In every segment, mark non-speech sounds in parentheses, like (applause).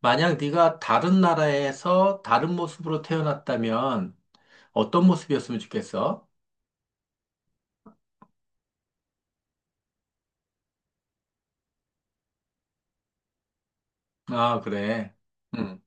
만약 네가 다른 나라에서 다른 모습으로 태어났다면 어떤 모습이었으면 좋겠어? 아, 그래. 응.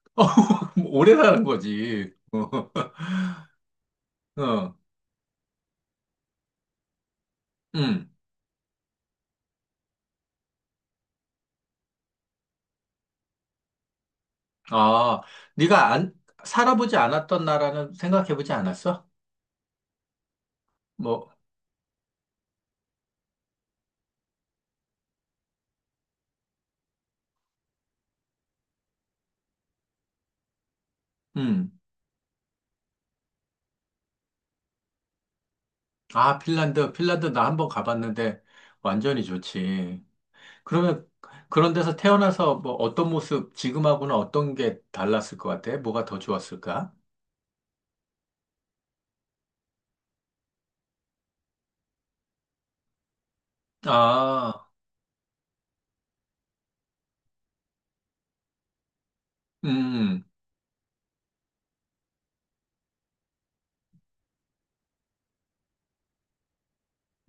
(laughs) 어, 오래 사는 거지. 어, (laughs) 어, 응. 아, 네가 안, 살아보지 않았던 나라는 생각해보지 않았어? 뭐, 음. 아, 핀란드 나 한번 가봤는데 완전히 좋지. 그러면 그런 데서 태어나서 뭐 어떤 모습, 지금하고는 어떤 게 달랐을 것 같아? 뭐가 더 좋았을까? 아. 음,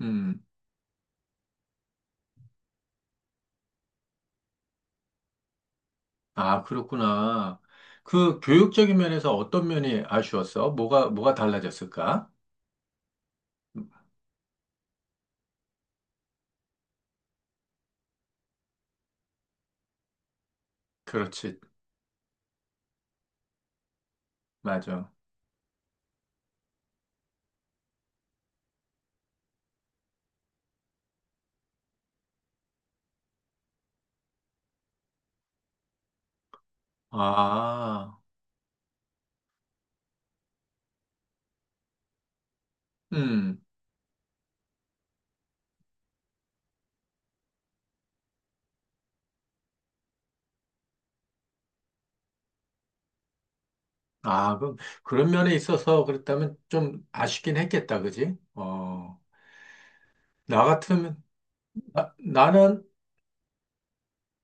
음. 아, 그렇구나. 그 교육적인 면에서 어떤 면이 아쉬웠어? 뭐가 달라졌을까? 그렇지, 맞아. 아, 음. 아, 그럼 그런 면에 있어서 그렇다면 좀 아쉽긴 했겠다, 그지? 어, 나 같으면, 나는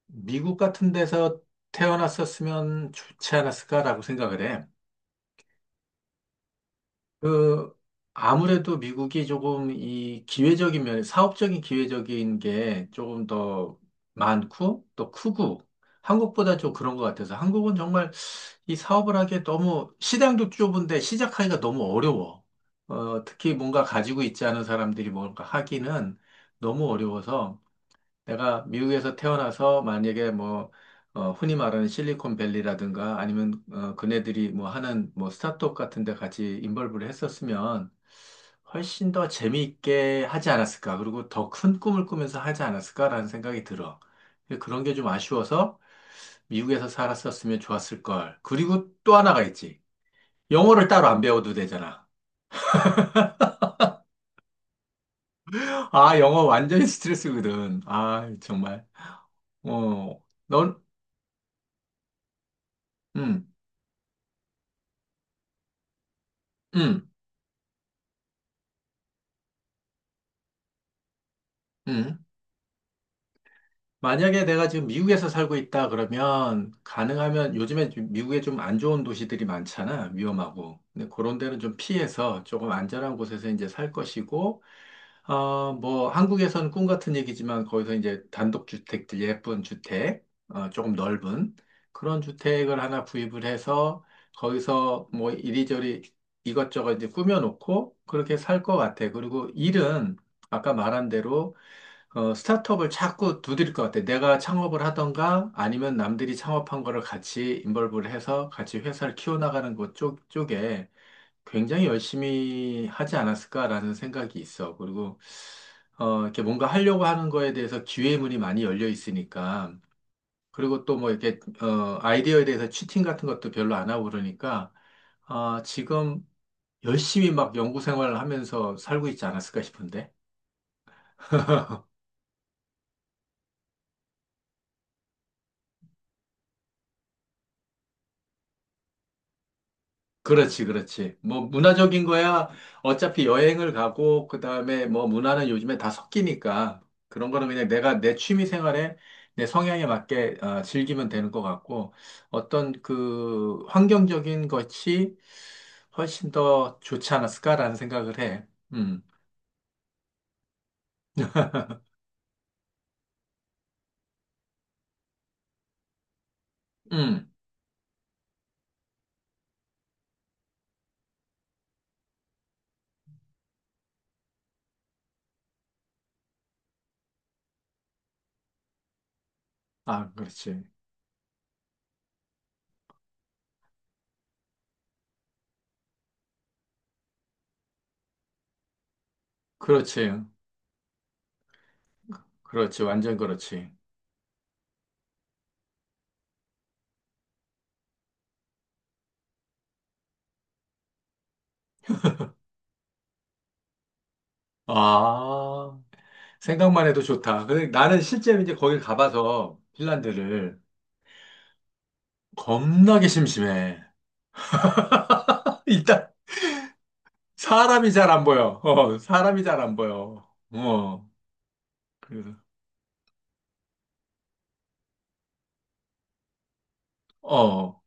미국 같은 데서 태어났었으면 좋지 않았을까라고 생각을 해. 그, 아무래도 미국이 조금 이 기회적인 면, 사업적인 기회적인 게 조금 더 많고 또 크고 한국보다 좀 그런 것 같아서 한국은 정말 이 사업을 하기에 너무 시장도 좁은데 시작하기가 너무 어려워. 어, 특히 뭔가 가지고 있지 않은 사람들이 뭔가 하기는 너무 어려워서 내가 미국에서 태어나서 만약에 뭐, 어, 흔히 말하는 실리콘밸리라든가 아니면 어, 그네들이 뭐 하는 뭐 스타트업 같은 데 같이 인벌브를 했었으면 훨씬 더 재미있게 하지 않았을까. 그리고 더 큰 꿈을 꾸면서 하지 않았을까라는 생각이 들어. 그런 게 좀 아쉬워서 미국에서 살았었으면 좋았을 걸. 그리고 또 하나가 있지. 영어를 따로 안 배워도 되잖아. 아, 영어 완전히 스트레스거든. 아, 정말. 어, 넌, 음, 음, 음. 만약에 내가 지금 미국에서 살고 있다 그러면 가능하면 요즘에 좀 미국에 좀 안 좋은 도시들이 많잖아. 위험하고. 근데 그런 데는 좀 피해서 조금 안전한 곳에서 이제 살 것이고, 어, 뭐 한국에서는 꿈 같은 얘기지만 거기서 이제 단독주택들, 예쁜 주택, 어, 조금 넓은 그런 주택을 하나 구입을 해서 거기서 뭐 이리저리 이것저것 이제 꾸며놓고 그렇게 살 것 같아. 그리고 일은 아까 말한 대로 어, 스타트업을 자꾸 두드릴 것 같아. 내가 창업을 하던가 아니면 남들이 창업한 거를 같이 인벌브를 해서 같이 회사를 키워나가는 것 쪽에 굉장히 열심히 하지 않았을까라는 생각이 있어. 그리고, 어, 이렇게 뭔가 하려고 하는 거에 대해서 기회의 문이 많이 열려 있으니까. 그리고 또 뭐 이렇게, 어, 아이디어에 대해서 치팅 같은 것도 별로 안 하고 그러니까, 아, 지금 열심히 막 연구 생활을 하면서 살고 있지 않았을까 싶은데. 그렇지, 그렇지. 뭐, 문화적인 거야. 어차피 여행을 가고, 그 다음에 뭐, 문화는 요즘에 다 섞이니까. 그런 거는 그냥 내가 내 취미 생활에 내 성향에 맞게 어, 즐기면 되는 것 같고, 어떤 그 환경적인 것이 훨씬 더 좋지 않았을까라는 생각을 해. 음, 음. 아, 그렇지. 그렇지. 그렇지. 완전 그렇지. 아, 생각만 해도 좋다. 근데 나는 실제로 이제 거길 가봐서, 핀란드를. 겁나게 심심해. (laughs) 일단 사람이 잘 안 보여. 어, 사람이 잘 안 보여. 어, 그래서 어,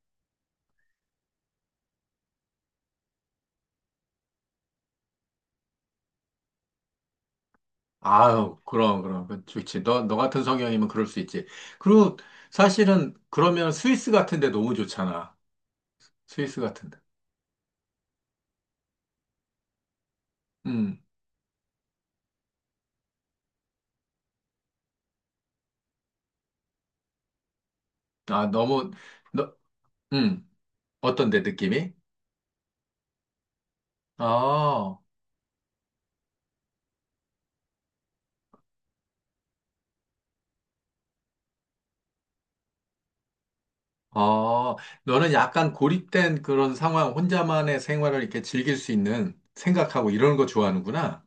아유, 그럼 그 좋지. 너 같은 성향이면 그럴 수 있지. 그리고 사실은 그러면 스위스 같은데 너무 좋잖아. 스위스 같은데. 음, 아 너무 너, 음, 어떤데 느낌이? 아, 아, 너는 약간 고립된 그런 상황, 혼자만의 생활을 이렇게 즐길 수 있는 생각하고 이런 거 좋아하는구나.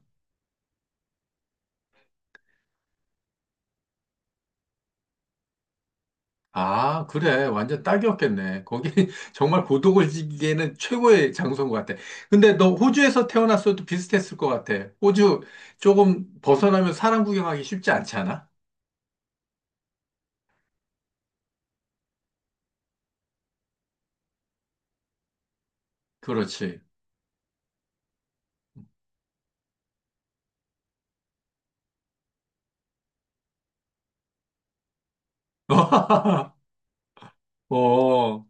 아, 그래. 완전 딱이었겠네. 거기 (laughs) 정말 고독을지기에는 최고의 장소인 것 같아. 근데 너 호주에서 태어났어도 비슷했을 것 같아. 호주 조금 벗어나면 사람 구경하기 쉽지 않지 않아? 그렇지. (laughs) 어,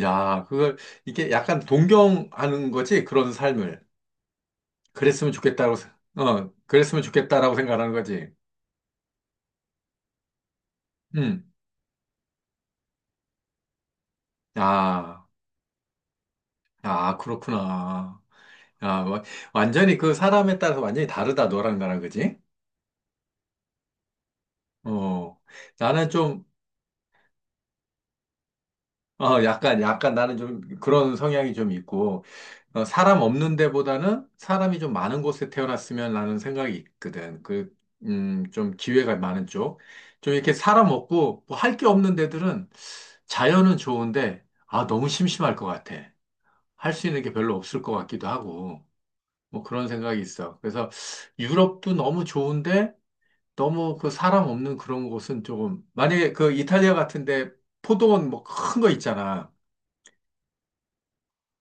야, 그걸 이게 약간 동경하는 거지. 그런 삶을. 그랬으면 좋겠다고, 어, 그랬으면 좋겠다라고 생각하는 거지. 음, 아, 아, 그렇구나. 아 와- 완전히 그 사람에 따라서 완전히 다르다, 너랑 나랑, 그지? 어, 나는 좀, 약간 나는 좀 그런 성향이 좀 있고, 어, 사람 없는 데보다는 사람이 좀 많은 곳에 태어났으면 라는 생각이 있거든. 그, 좀 기회가 많은 쪽. 좀 이렇게 사람 없고, 뭐 할 게 없는 데들은 자연은 좋은데, 아, 너무 심심할 것 같아. 할 수 있는 게 별로 없을 것 같기도 하고, 뭐 그런 생각이 있어. 그래서 유럽도 너무 좋은데, 너무 그 사람 없는 그런 곳은 조금 만약에 그 이탈리아 같은데 포도원 뭐 큰 거 있잖아.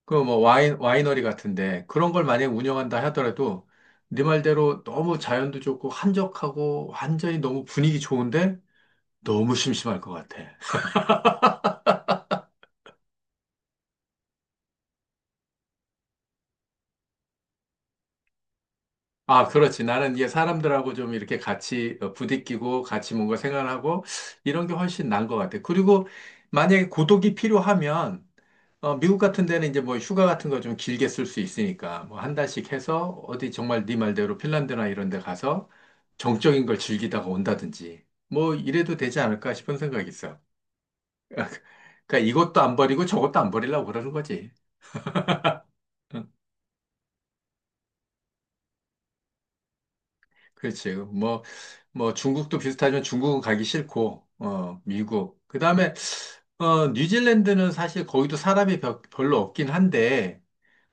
그 뭐 와인 와이너리 같은데 그런 걸 만약에 운영한다 하더라도 네 말대로 너무 자연도 좋고 한적하고 완전히 너무 분위기 좋은데 너무 심심할 것 같아. 아, 그렇지. 나는 이게 사람들하고 좀 이렇게 같이 어, 부딪히고 같이 뭔가 생활하고 이런 게 훨씬 나은 것 같아. 그리고 만약에 고독이 필요하면 어, 미국 같은 데는 이제 뭐 휴가 같은 거 좀 길게 쓸 수 있으니까 뭐 한 달씩 해서 어디 정말 네 말대로 핀란드나 이런 데 가서 정적인 걸 즐기다가 온다든지 뭐 이래도 되지 않을까 싶은 생각이 있어. 그러니까 이것도 안 버리고 저것도 안 버리려고 그러는 거지. 응. 그렇지. 뭐, 뭐 중국도 비슷하지만 중국은 가기 싫고, 어, 미국. 그 다음에, 어, 뉴질랜드는 사실 거기도 사람이 별로 없긴 한데,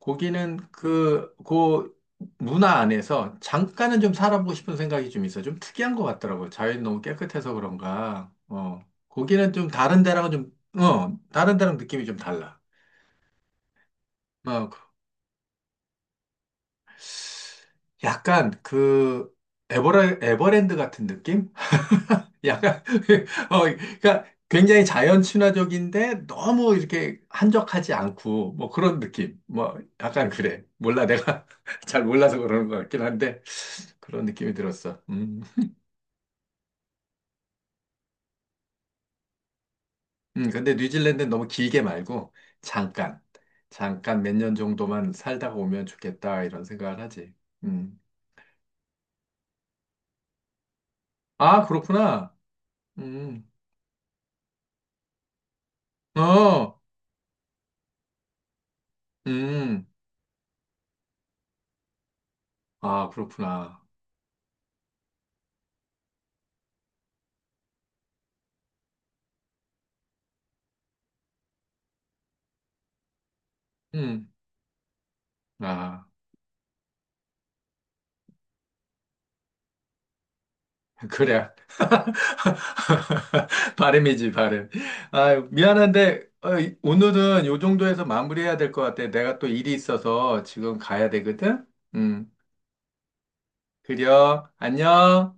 거기는 그 문화 안에서 잠깐은 좀 살아보고 싶은 생각이 좀 있어. 좀 특이한 것 같더라고요. 자연이 너무 깨끗해서 그런가. 어, 거기는 좀 다른 데랑은 좀, 어, 다른 데랑 느낌이 좀 달라. 어, 약간 그 에버랜드 같은 느낌? 약간, (laughs) 어, 그러니까 굉장히 자연 친화적인데 너무 이렇게 한적하지 않고 뭐 그런 느낌. 뭐 약간 그래. 몰라. 내가 (laughs) 잘 몰라서 그러는 것 같긴 한데 그런 느낌이 들었어. 음. 근데 뉴질랜드는 너무 길게 말고 잠깐, 잠깐 몇 년 정도만 살다가 오면 좋겠다 이런 생각을 하지. 음. 아, 그렇구나. 음. 어, 음. 아, 그렇구나. 음. 아, (laughs) 그래. (laughs) 발음이지, 발음. 아, 미안한데, 어, 오늘은 요 정도에서 마무리해야 될 것 같아. 내가 또 일이 있어서 지금 가야 되거든? 음, 그려. 안녕.